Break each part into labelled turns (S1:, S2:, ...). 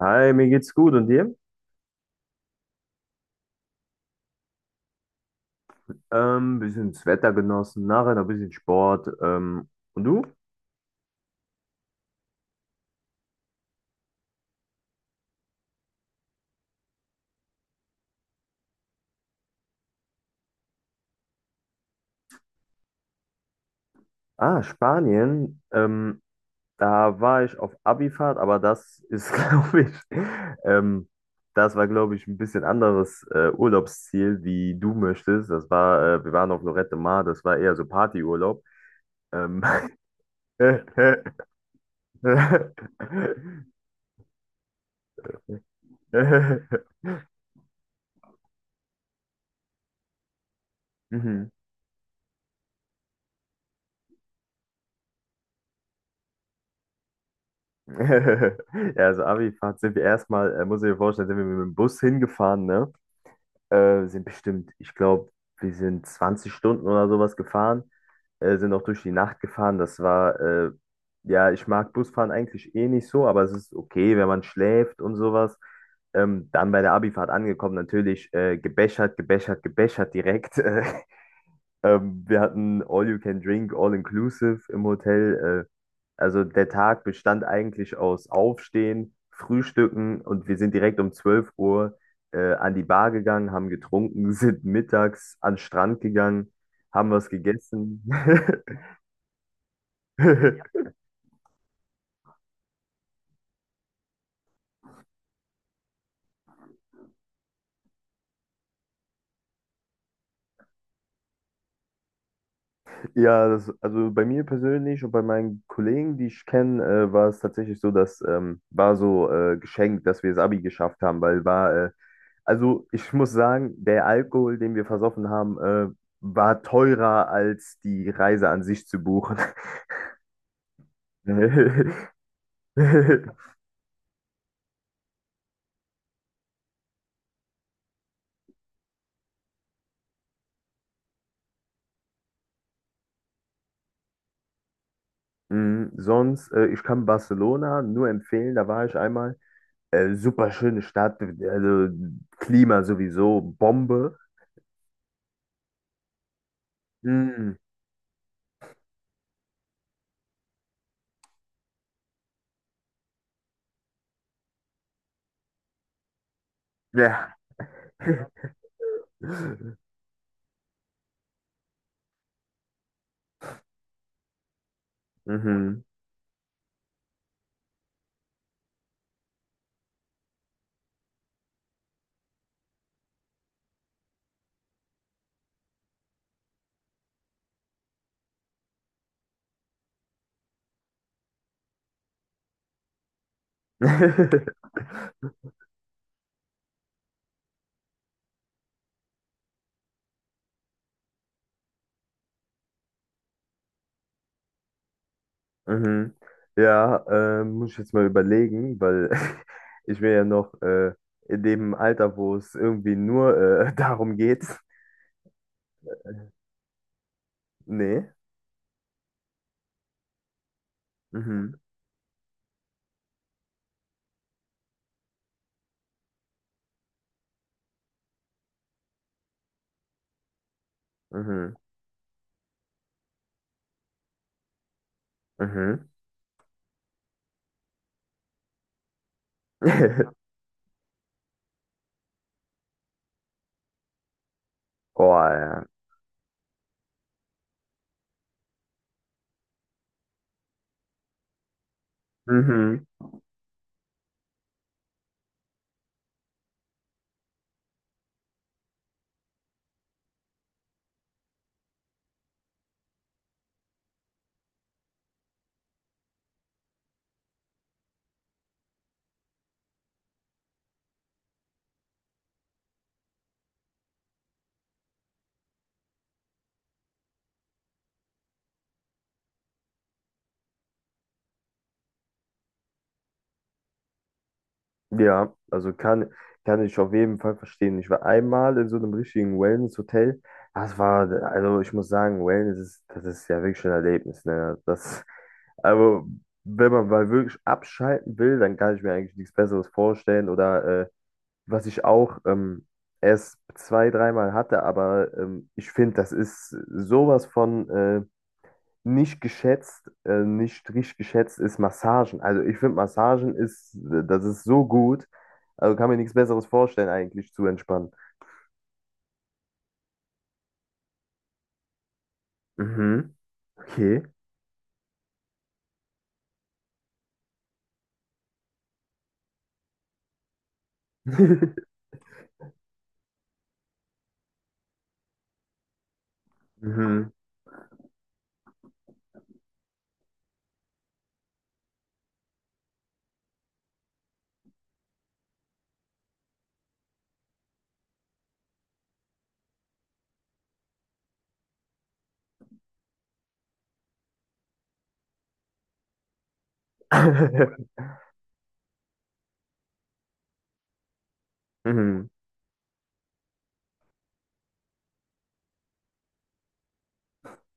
S1: Hi, mir geht's gut und dir? Bisschen das Wetter genossen, nachher noch ein bisschen Sport. Und du? Ah, Spanien. Da war ich auf Abifahrt, aber das ist, glaube ich, ähm, das war, glaube ich, ein bisschen anderes Urlaubsziel, wie du möchtest. Das war, wir waren auf Lloret de Mar, das war eher so Partyurlaub. Ähm, Mhm. Ja, also Abifahrt sind wir erstmal, muss ich mir vorstellen, sind wir mit dem Bus hingefahren, ne? Sind bestimmt, ich glaube, wir sind 20 Stunden oder sowas gefahren, sind auch durch die Nacht gefahren. Ja, ich mag Busfahren eigentlich eh nicht so, aber es ist okay, wenn man schläft und sowas. Dann bei der Abifahrt angekommen, natürlich gebechert, gebechert, gebechert direkt. Wir hatten All You Can Drink, All Inclusive im Hotel. Also der Tag bestand eigentlich aus Aufstehen, Frühstücken und wir sind direkt um 12 Uhr an die Bar gegangen, haben getrunken, sind mittags an den Strand gegangen, haben was gegessen. Ja, das, also bei mir persönlich und bei meinen Kollegen, die ich kenne, war es tatsächlich so, dass war so geschenkt, dass wir das Abi geschafft haben, weil war, also ich muss sagen, der Alkohol, den wir versoffen haben, war teurer als die Reise an sich zu buchen. Mm, sonst, ich kann Barcelona nur empfehlen, da war ich einmal. Super schöne Stadt, also Klima sowieso, Bombe. Mm, ja. Mhm. Mhm. Ja, muss ich jetzt mal überlegen, weil ich bin ja noch in dem Alter, wo es irgendwie nur darum geht. Nee. Mhm. Mhm. Mhm. Oh, ja. Mhm. Ja, also kann, kann ich auf jeden Fall verstehen. Ich war einmal in so einem richtigen Wellness-Hotel. Das war, also ich muss sagen, Wellness ist, das ist ja wirklich ein Erlebnis, ne? Das. Aber wenn man mal wirklich abschalten will, dann kann ich mir eigentlich nichts Besseres vorstellen. Oder was ich auch erst zwei, dreimal hatte, aber ich finde, das ist sowas von nicht geschätzt, nicht richtig geschätzt ist Massagen. Also ich finde, Massagen ist, das ist so gut. Also kann mir nichts Besseres vorstellen, eigentlich zu entspannen. Mhm, okay. Mhm. Mhm.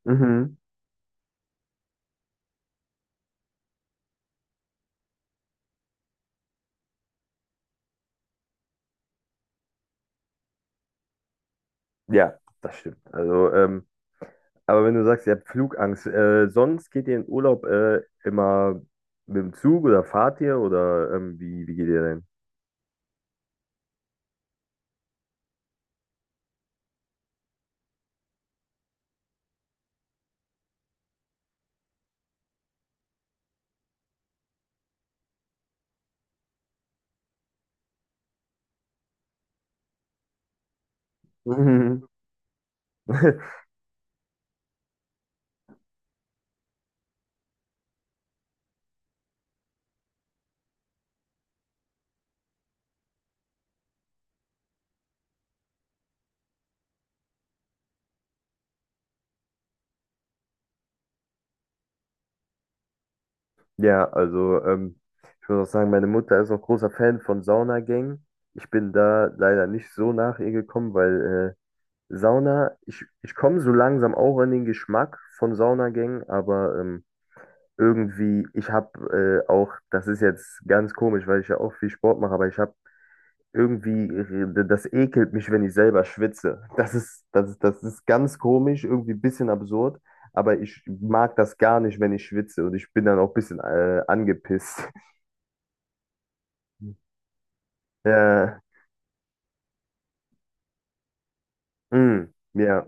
S1: Mhm. Ja, das stimmt. Also, aber wenn du sagst, ihr habt Flugangst, sonst geht ihr in Urlaub immer mit dem Zug oder fahrt ihr oder wie, wie geht ihr denn? Mhm. Ja, also ich muss auch sagen, meine Mutter ist auch großer Fan von Saunagängen. Ich bin da leider nicht so nach ihr gekommen, weil Sauna, ich komme so langsam auch an den Geschmack von Saunagängen, aber irgendwie, ich habe auch, das ist jetzt ganz komisch, weil ich ja auch viel Sport mache, aber ich habe. Irgendwie, das ekelt mich, wenn ich selber schwitze. Das ist, das ist, das ist ganz komisch, irgendwie ein bisschen absurd, aber ich mag das gar nicht, wenn ich schwitze und ich bin dann auch ein bisschen angepisst. Äh, mh, ja,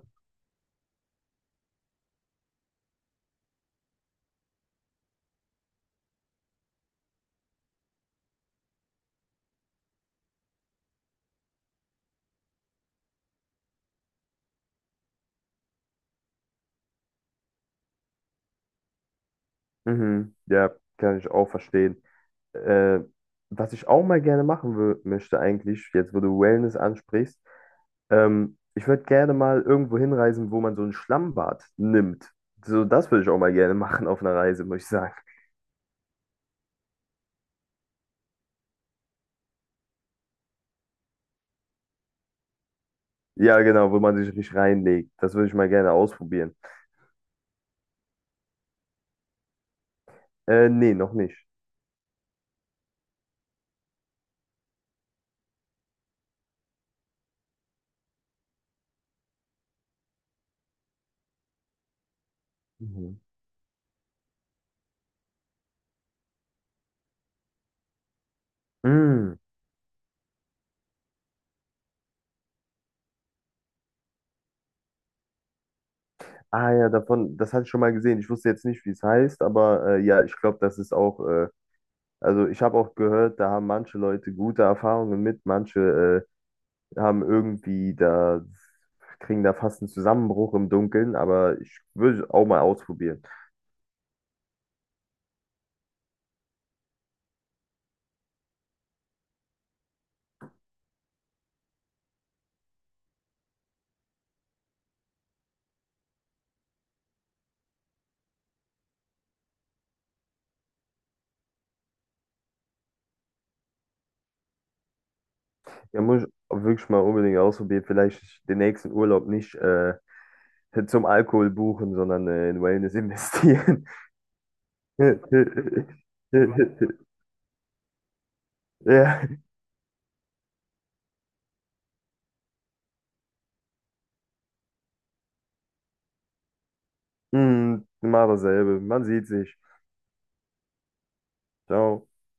S1: mhm, ja, kann ich auch verstehen. Äh, was ich auch mal gerne machen möchte eigentlich, jetzt wo du Wellness ansprichst, ich würde gerne mal irgendwo hinreisen, wo man so ein Schlammbad nimmt. So, das würde ich auch mal gerne machen auf einer Reise, muss ich sagen. Ja, genau, wo man sich richtig reinlegt. Das würde ich mal gerne ausprobieren. Nee, noch nicht. Mhm. Mm. Ah ja, davon, das hatte ich schon mal gesehen. Ich wusste jetzt nicht, wie es heißt, aber ja, ich glaube, das ist auch, also ich habe auch gehört, da haben manche Leute gute Erfahrungen mit, manche haben irgendwie da, kriegen da fast einen Zusammenbruch im Dunkeln, aber ich würde auch mal ausprobieren. Ja, muss ich auch wirklich mal unbedingt ausprobieren. Vielleicht den nächsten Urlaub nicht zum Alkohol buchen, sondern in Wellness investieren. Ja, hm, immer dasselbe. Man sieht sich. Ciao.